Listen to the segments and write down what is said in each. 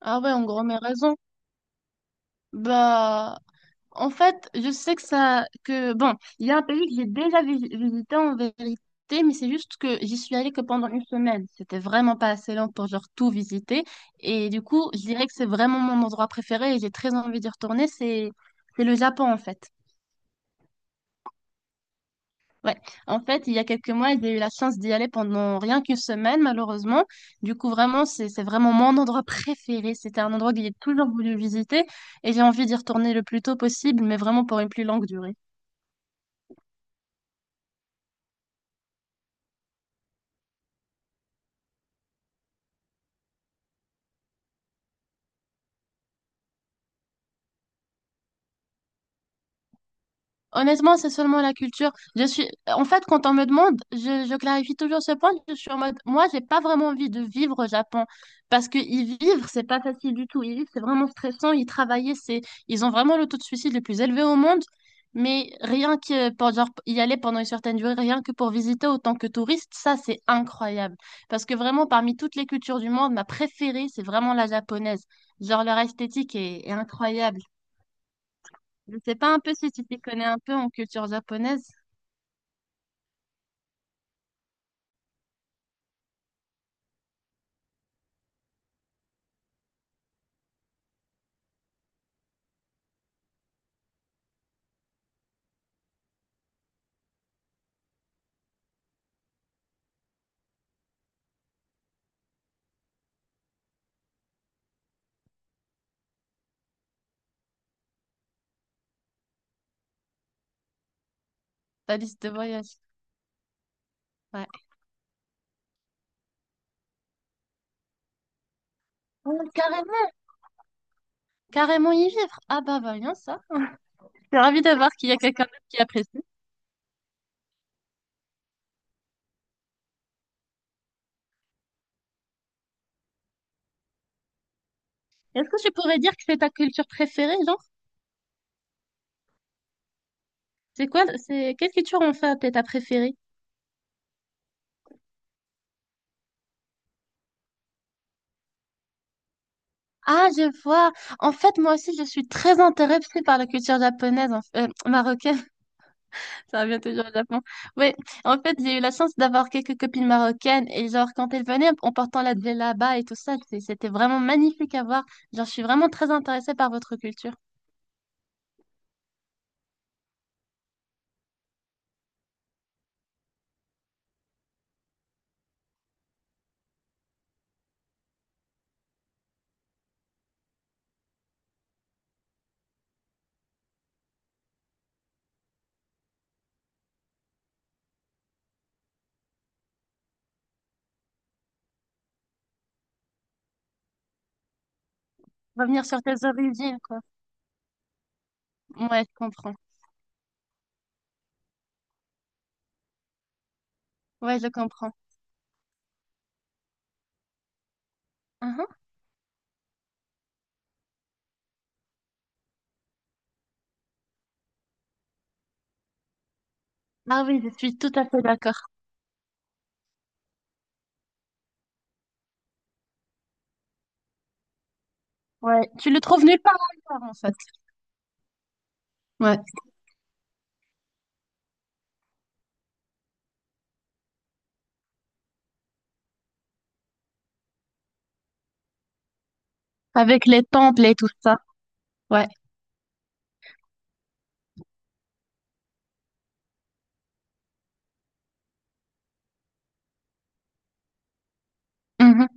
Ah ouais, en gros, mais raison. Bah, en fait, je sais que ça, que bon, il y a un pays que j'ai visité en vérité, mais c'est juste que j'y suis allée que pendant une semaine. C'était vraiment pas assez long pour genre tout visiter. Et du coup, je dirais que c'est vraiment mon endroit préféré et j'ai très envie d'y retourner. C'est le Japon en fait. Ouais. En fait, il y a quelques mois, j'ai eu la chance d'y aller pendant rien qu'une semaine, malheureusement. Du coup, vraiment, c'est vraiment mon endroit préféré. C'était un endroit que j'ai toujours voulu visiter et j'ai envie d'y retourner le plus tôt possible, mais vraiment pour une plus longue durée. Honnêtement, c'est seulement la culture. Je suis, en fait, quand on me demande, je clarifie toujours ce point. Je suis en mode, moi, j'ai pas vraiment envie de vivre au Japon parce que y vivre, c'est pas facile du tout. Y vivre, c'est vraiment stressant. Y travailler, c'est, ils ont vraiment le taux de suicide le plus élevé au monde. Mais rien que pour genre, y aller pendant une certaine durée, rien que pour visiter autant que touriste, ça, c'est incroyable. Parce que vraiment, parmi toutes les cultures du monde, ma préférée, c'est vraiment la japonaise. Genre, leur esthétique est incroyable. Je sais pas un peu si tu t'y connais un peu en culture japonaise, ta liste de voyage. Ouais. Ah, carrément, carrément y vivre. Ah bah bah, voyons ça. Je suis ravie de voir qu'il y a quelqu'un d'autre qui apprécie. Est-ce que tu pourrais dire que c'est ta culture préférée, genre? C'est quoi, c'est quelle culture en fait est ta préférée? Ah, je vois. En fait, moi aussi, je suis très intéressée par la culture japonaise, marocaine. Ça revient toujours au Japon. Oui, en fait, j'ai eu la chance d'avoir quelques copines marocaines et genre quand elles venaient en portant la djellaba et tout ça, c'était vraiment magnifique à voir. Genre, je suis vraiment très intéressée par votre culture. Revenir sur tes origines, quoi. Ouais, je comprends. Ouais, je comprends. Uhum. Ah oui, je suis tout à fait d'accord. Ouais, tu le trouves nulle part ailleurs, en fait. Ouais, avec les temples et tout ça. Ouais. Mhm.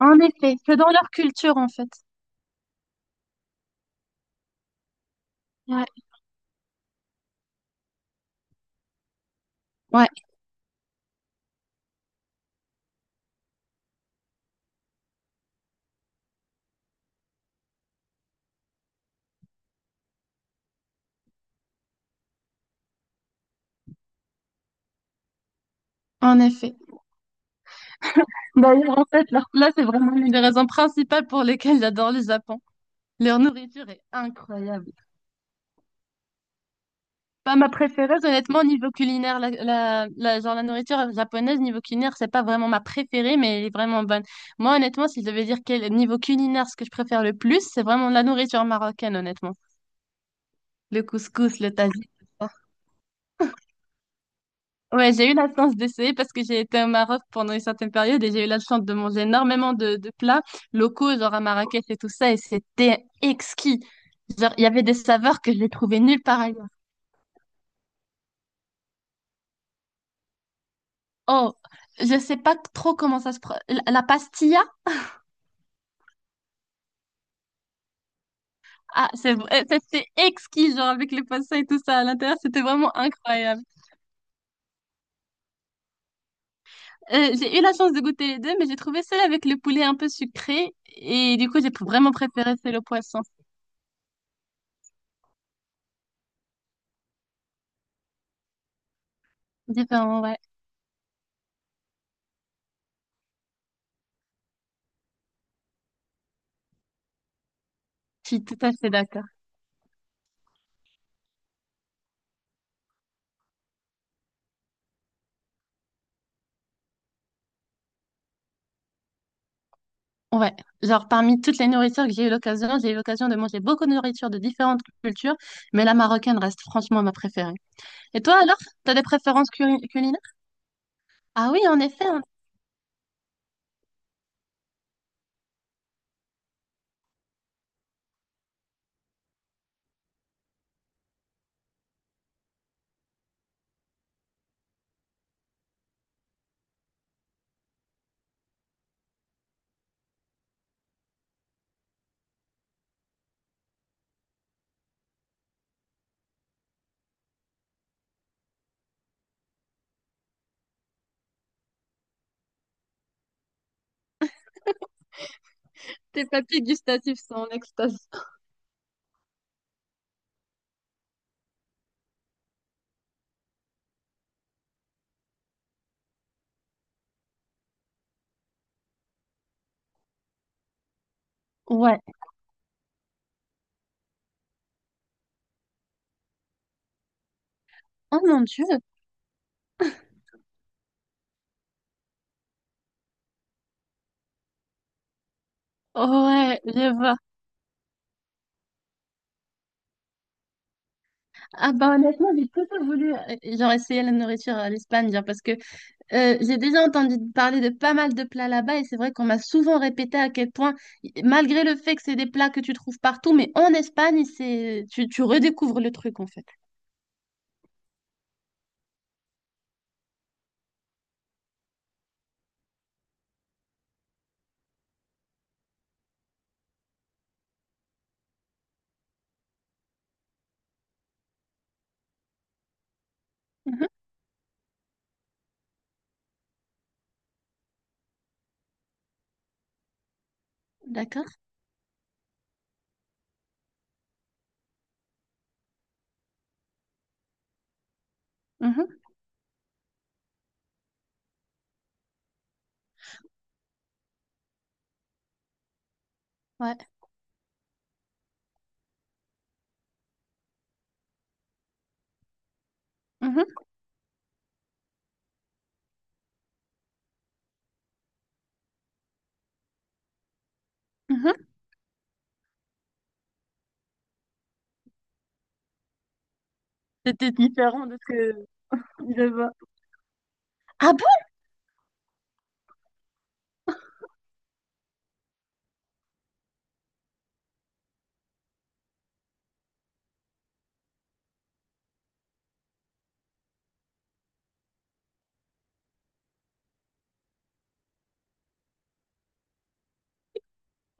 En effet, c'est dans leur culture, en fait. Ouais, ouais, en effet. D'ailleurs, en fait, leur plat, c'est vraiment l'une des raisons principales pour lesquelles j'adore le Japon. Leur nourriture est incroyable. Pas ma préférée, honnêtement, niveau culinaire. Genre, la nourriture japonaise, niveau culinaire, c'est pas vraiment ma préférée, mais elle est vraiment bonne. Moi, honnêtement, si je devais dire quel niveau culinaire, ce que je préfère le plus, c'est vraiment la nourriture marocaine, honnêtement. Le couscous, le tagine. Ouais, j'ai eu la chance d'essayer parce que j'ai été au Maroc pendant une certaine période et j'ai eu la chance de manger énormément de plats locaux, genre à Marrakech et tout ça, et c'était exquis. Genre, il y avait des saveurs que j'ai trouvées nulle part ailleurs. Oh, je sais pas trop comment ça se... La pastilla, ah, c'est vrai, c'était exquis, genre avec les poissons et tout ça à l'intérieur, c'était vraiment incroyable. J'ai eu la chance de goûter les deux, mais j'ai trouvé celle avec le poulet un peu sucré, et du coup, j'ai vraiment préféré celle au poisson. Différent, ouais. Je suis tout à fait d'accord. Ouais, genre parmi toutes les nourritures que j'ai eu l'occasion de manger beaucoup de nourritures de différentes cultures, mais la marocaine reste franchement ma préférée. Et toi alors, t'as des préférences culi- culinaires? Ah oui, en effet, hein, tes papilles gustatives sont en extase. Ouais. Oh mon Dieu. Ouais, je vois. Ah bah honnêtement, j'ai plutôt voulu genre essayer la nourriture à l'Espagne, genre parce que euh, j'ai déjà entendu parler de pas mal de plats là-bas et c'est vrai qu'on m'a souvent répété à quel point, malgré le fait que c'est des plats que tu trouves partout, mais en Espagne, c'est tu redécouvres le truc en fait. Mhm. D'accord. Mhm. Ouais. Mhm. Mhm. C'était différent de ce que je vois. Ah bon?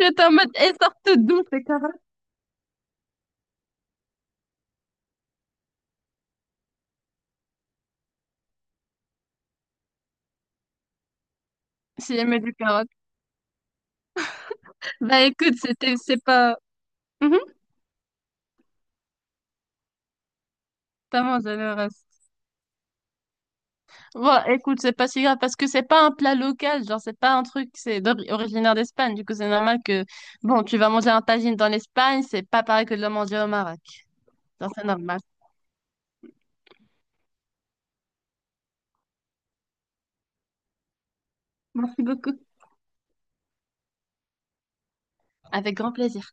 J'étais en mode, elles sortent d'où ces carottes? Si j'aimais du carottes. Bah écoute, c'était, c'est pas. Mhm. Totalement généreuse. Bon, écoute, c'est pas si grave parce que c'est pas un plat local, genre c'est pas un truc, c'est originaire d'Espagne. Du coup, c'est normal que, bon, tu vas manger un tagine dans l'Espagne, c'est pas pareil que de le manger au Maroc. Genre, c'est normal. Merci beaucoup. Avec grand plaisir.